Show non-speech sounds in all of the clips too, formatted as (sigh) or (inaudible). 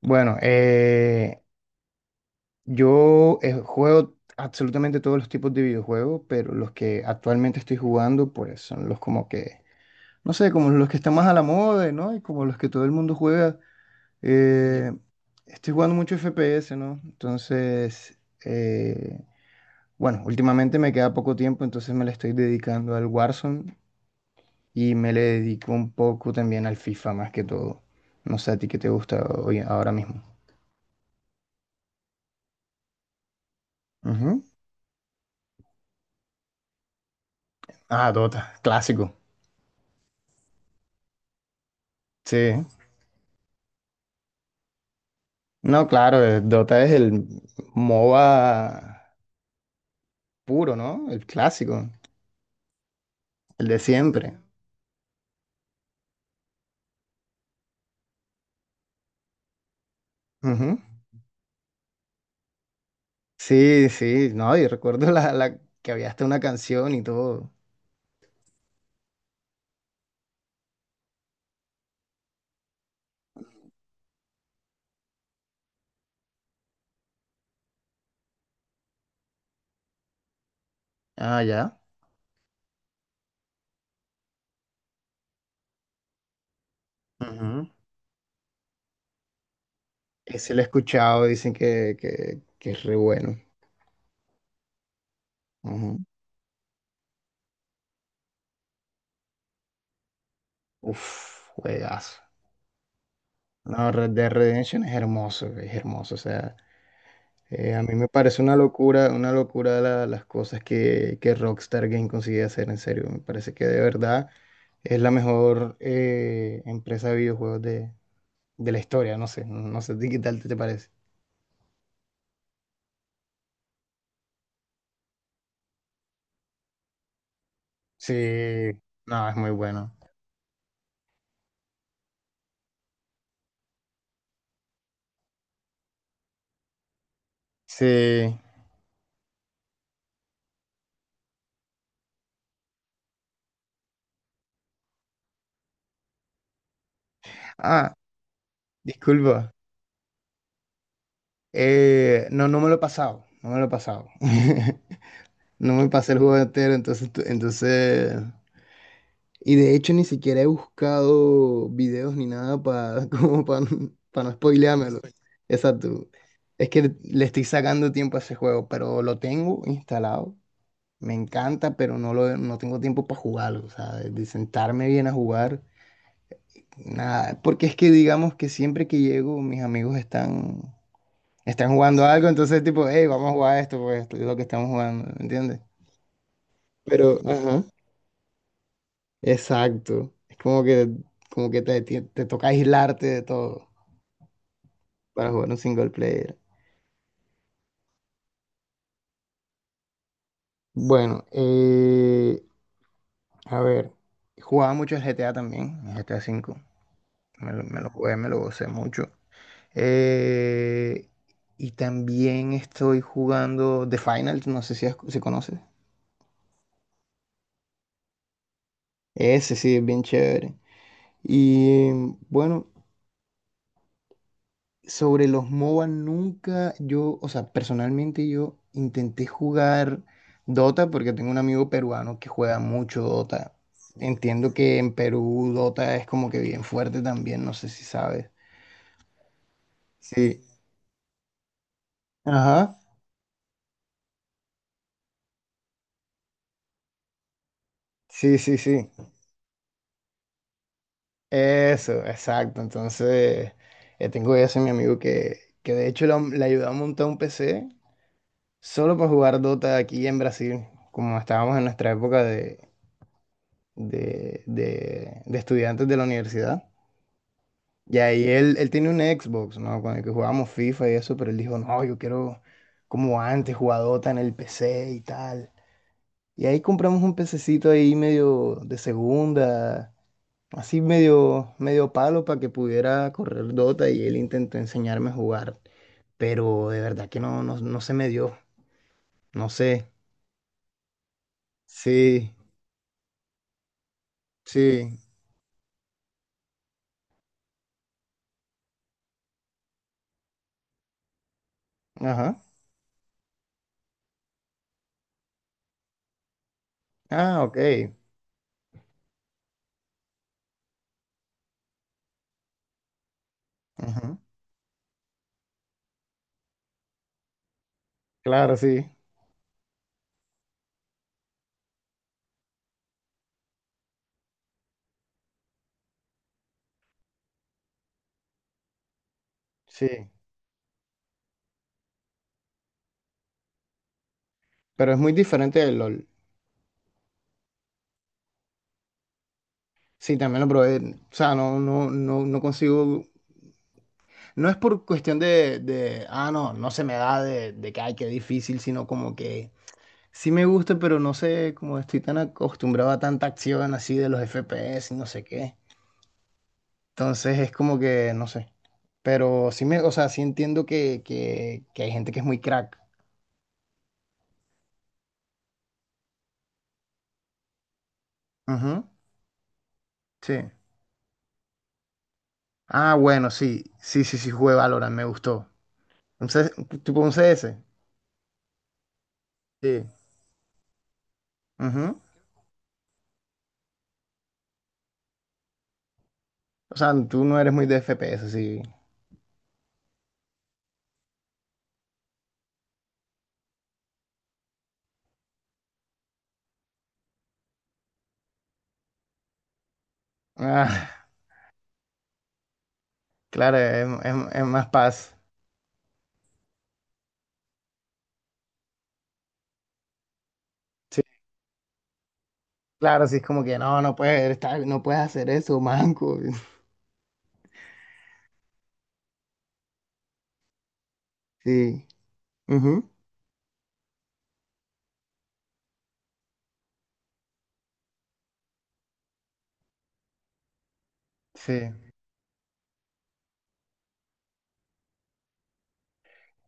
Bueno, yo juego absolutamente todos los tipos de videojuegos, pero los que actualmente estoy jugando, pues son los como que, no sé, como los que están más a la moda, ¿no? Y como los que todo el mundo juega. Eh, Estoy jugando mucho FPS, ¿no? Entonces, eh, bueno, últimamente me queda poco tiempo, entonces me le estoy dedicando al Warzone y me le dedico un poco también al FIFA más que todo. No sé a ti qué te gusta hoy, ahora mismo. Ujú. Ah, Dota, clásico. Sí, no, claro, Dota es el MOBA puro, ¿no? El clásico, el de siempre. Ujú. Sí, sí, no, y recuerdo la que había hasta una canción y todo. Ah, ya. Ujú. Ese lo he escuchado, dicen que es re bueno. Ujú. Uf, juegazo. No, Red Dead Redemption es hermoso, o sea. A mí me parece una locura las cosas que Rockstar Game consigue hacer, en serio. Me parece que de verdad es la mejor empresa de videojuegos de la historia, no sé, no sé, ¿a ti qué tal te parece? Sí, no, es muy bueno. Sí. Ah, disculpa. No, no me lo he pasado, no me lo he pasado. (laughs) No me pasé el juego entero, entonces, entonces. Y de hecho ni siquiera he buscado videos ni nada para (laughs) como para no spoileármelo. Exacto. Es que le estoy sacando tiempo a ese juego, pero lo tengo instalado. Me encanta, pero no lo no tengo tiempo para jugarlo, o sea, de sentarme bien a jugar. Nada, porque es que digamos que siempre que llego mis amigos están jugando algo, entonces tipo, hey, vamos a jugar esto, pues esto es lo que estamos jugando, ¿entiendes? Pero, ajá. Exacto. Es como que te toca aislarte de todo para jugar un single player. Bueno, a ver, jugaba mucho GTA también, GTA 5. Me lo jugué, me lo gocé mucho. Eh, y también estoy jugando The Final, no sé si conoces. Ese sí, es bien chévere. Y bueno, sobre los MOBA nunca yo, o sea, personalmente yo intenté jugar Dota porque tengo un amigo peruano que juega mucho Dota. Entiendo que en Perú Dota es como que bien fuerte también, no sé si sabes. Sí. Ajá. Sí, sí, sí. Eso, exacto. Entonces, tengo ese mi amigo que de hecho le ayudó a montar un PC solo para jugar Dota aquí en Brasil, como estábamos en nuestra época de estudiantes de la universidad. Y ahí él tiene un Xbox, ¿no? Con el que jugábamos FIFA y eso, pero él dijo, no, yo quiero como antes, jugadota en el PC y tal. Y ahí compramos un pececito ahí medio de segunda, así medio, medio palo para que pudiera correr Dota y él intentó enseñarme a jugar. Pero de verdad que no, no, no se me dio. No sé. Sí, sí. Ajá. Ah, ok. Ajá. Claro, sí. Sí. Pero es muy diferente del LOL. Sí, también lo probé. O sea, no, no, no, no consigo. No es por cuestión no, no se me da de que, ay, qué difícil, sino como que sí me gusta, pero no sé, como estoy tan acostumbrado a tanta acción así de los FPS y no sé qué. Entonces es como que, no sé. Pero sí me, o sea, sí entiendo que hay gente que es muy crack. Ujú, sí. Ah, bueno, sí, sí, sí, sí, jugué Valorant, me gustó. Entonces tipo un CS. Sí. Ujú. O sea, tú no eres muy de FPS, sí. Ah, claro, es más paz. Sí, claro, sí, es como que no, no puedes estar, no puedes hacer eso, manco. (laughs) Sí. Ujú, sí.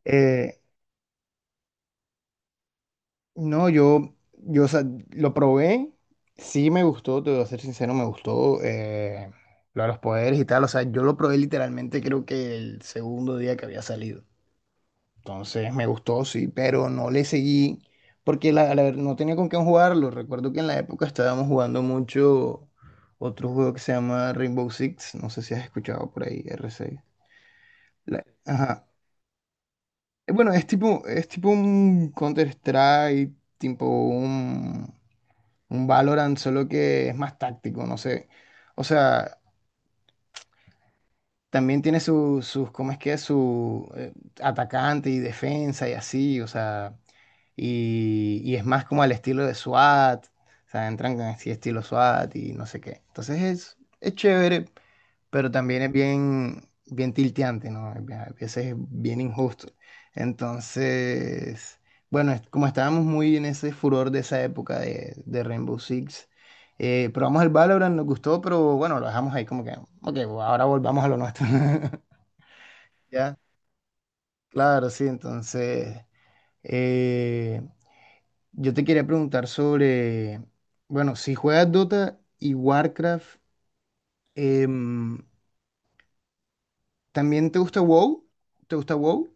Eh, no, yo, o sea, lo probé, sí me gustó, te voy a ser sincero, me gustó lo de los poderes y tal. O sea, yo lo probé literalmente creo que el segundo día que había salido. Entonces me gustó, sí, pero no le seguí porque no tenía con quién jugarlo. Recuerdo que en la época estábamos jugando mucho otro juego que se llama Rainbow Six. No sé si has escuchado por ahí, R6. Ajá. Bueno, es tipo un Counter-Strike, tipo un Valorant, solo que es más táctico, no sé. O sea, también tiene sus, ¿cómo es que? ¿Es? Su atacante y defensa y así, o sea, y es más como al estilo de SWAT, o sea, entran con así estilo SWAT y no sé qué. Entonces es chévere, pero también es bien, bien tilteante, ¿no? Es a veces es bien injusto. Entonces, bueno, como estábamos muy en ese furor de esa época de Rainbow Six, probamos el Valorant, nos gustó, pero bueno, lo dejamos ahí como que, ok, ahora volvamos a lo nuestro. (laughs) Ya, claro, sí, entonces, eh, yo te quería preguntar sobre, bueno, si juegas Dota y Warcraft, em, ¿también te gusta WoW? ¿Te gusta WoW?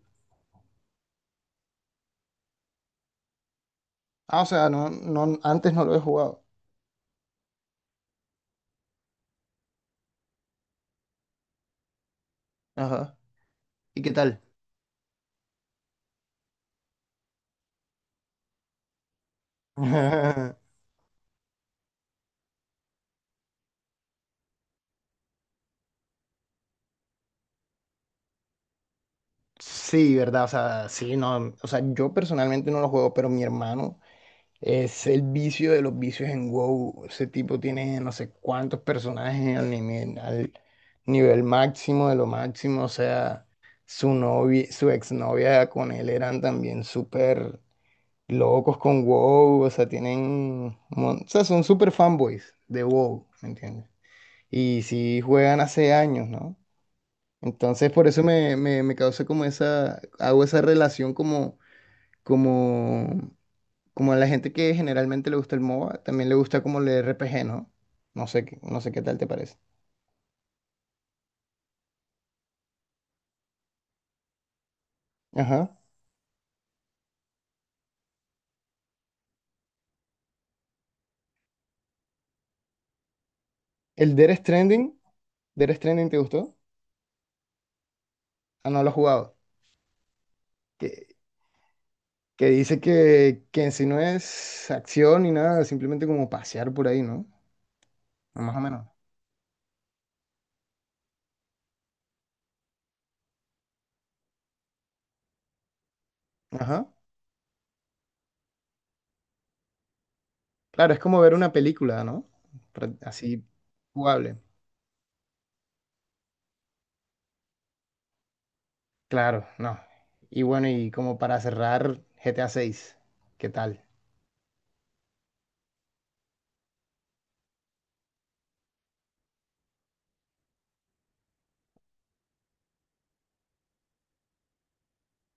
Ah, o sea, no, no, antes no lo he jugado. Ajá. ¿Y qué tal? (laughs) Sí, ¿verdad? O sea, sí, no. O sea, yo personalmente no lo juego, pero mi hermano es el vicio de los vicios en WoW. Ese tipo tiene no sé cuántos personajes al nivel máximo de lo máximo. O sea, su novia, su exnovia con él eran también súper locos con WoW. O sea, son súper fanboys de WoW, ¿me entiendes? Y sí juegan hace años, ¿no? Entonces por eso me causa como esa, hago esa relación como, como a la gente que generalmente le gusta el MOBA, también le gusta como el RPG, ¿no? No sé, no sé qué tal te parece. Ajá. El Death Stranding, Death Stranding, ¿te gustó? Ah, no lo has jugado. Que, que dice que en sí no es acción ni nada, simplemente como pasear por ahí, ¿no? Más o menos. Ajá. Claro, es como ver una película, ¿no? Así jugable. Claro, no. Y bueno, como para cerrar, GTA 6, ¿qué tal?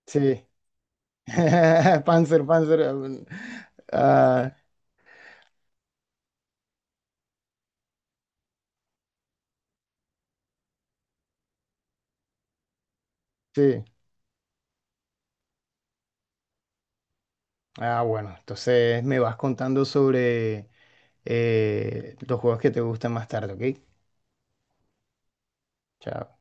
Sí. (laughs) Panzer, Panzer. Ah, sí. Ah, bueno, entonces me vas contando sobre los juegos que te gustan más tarde, ¿ok? Chao.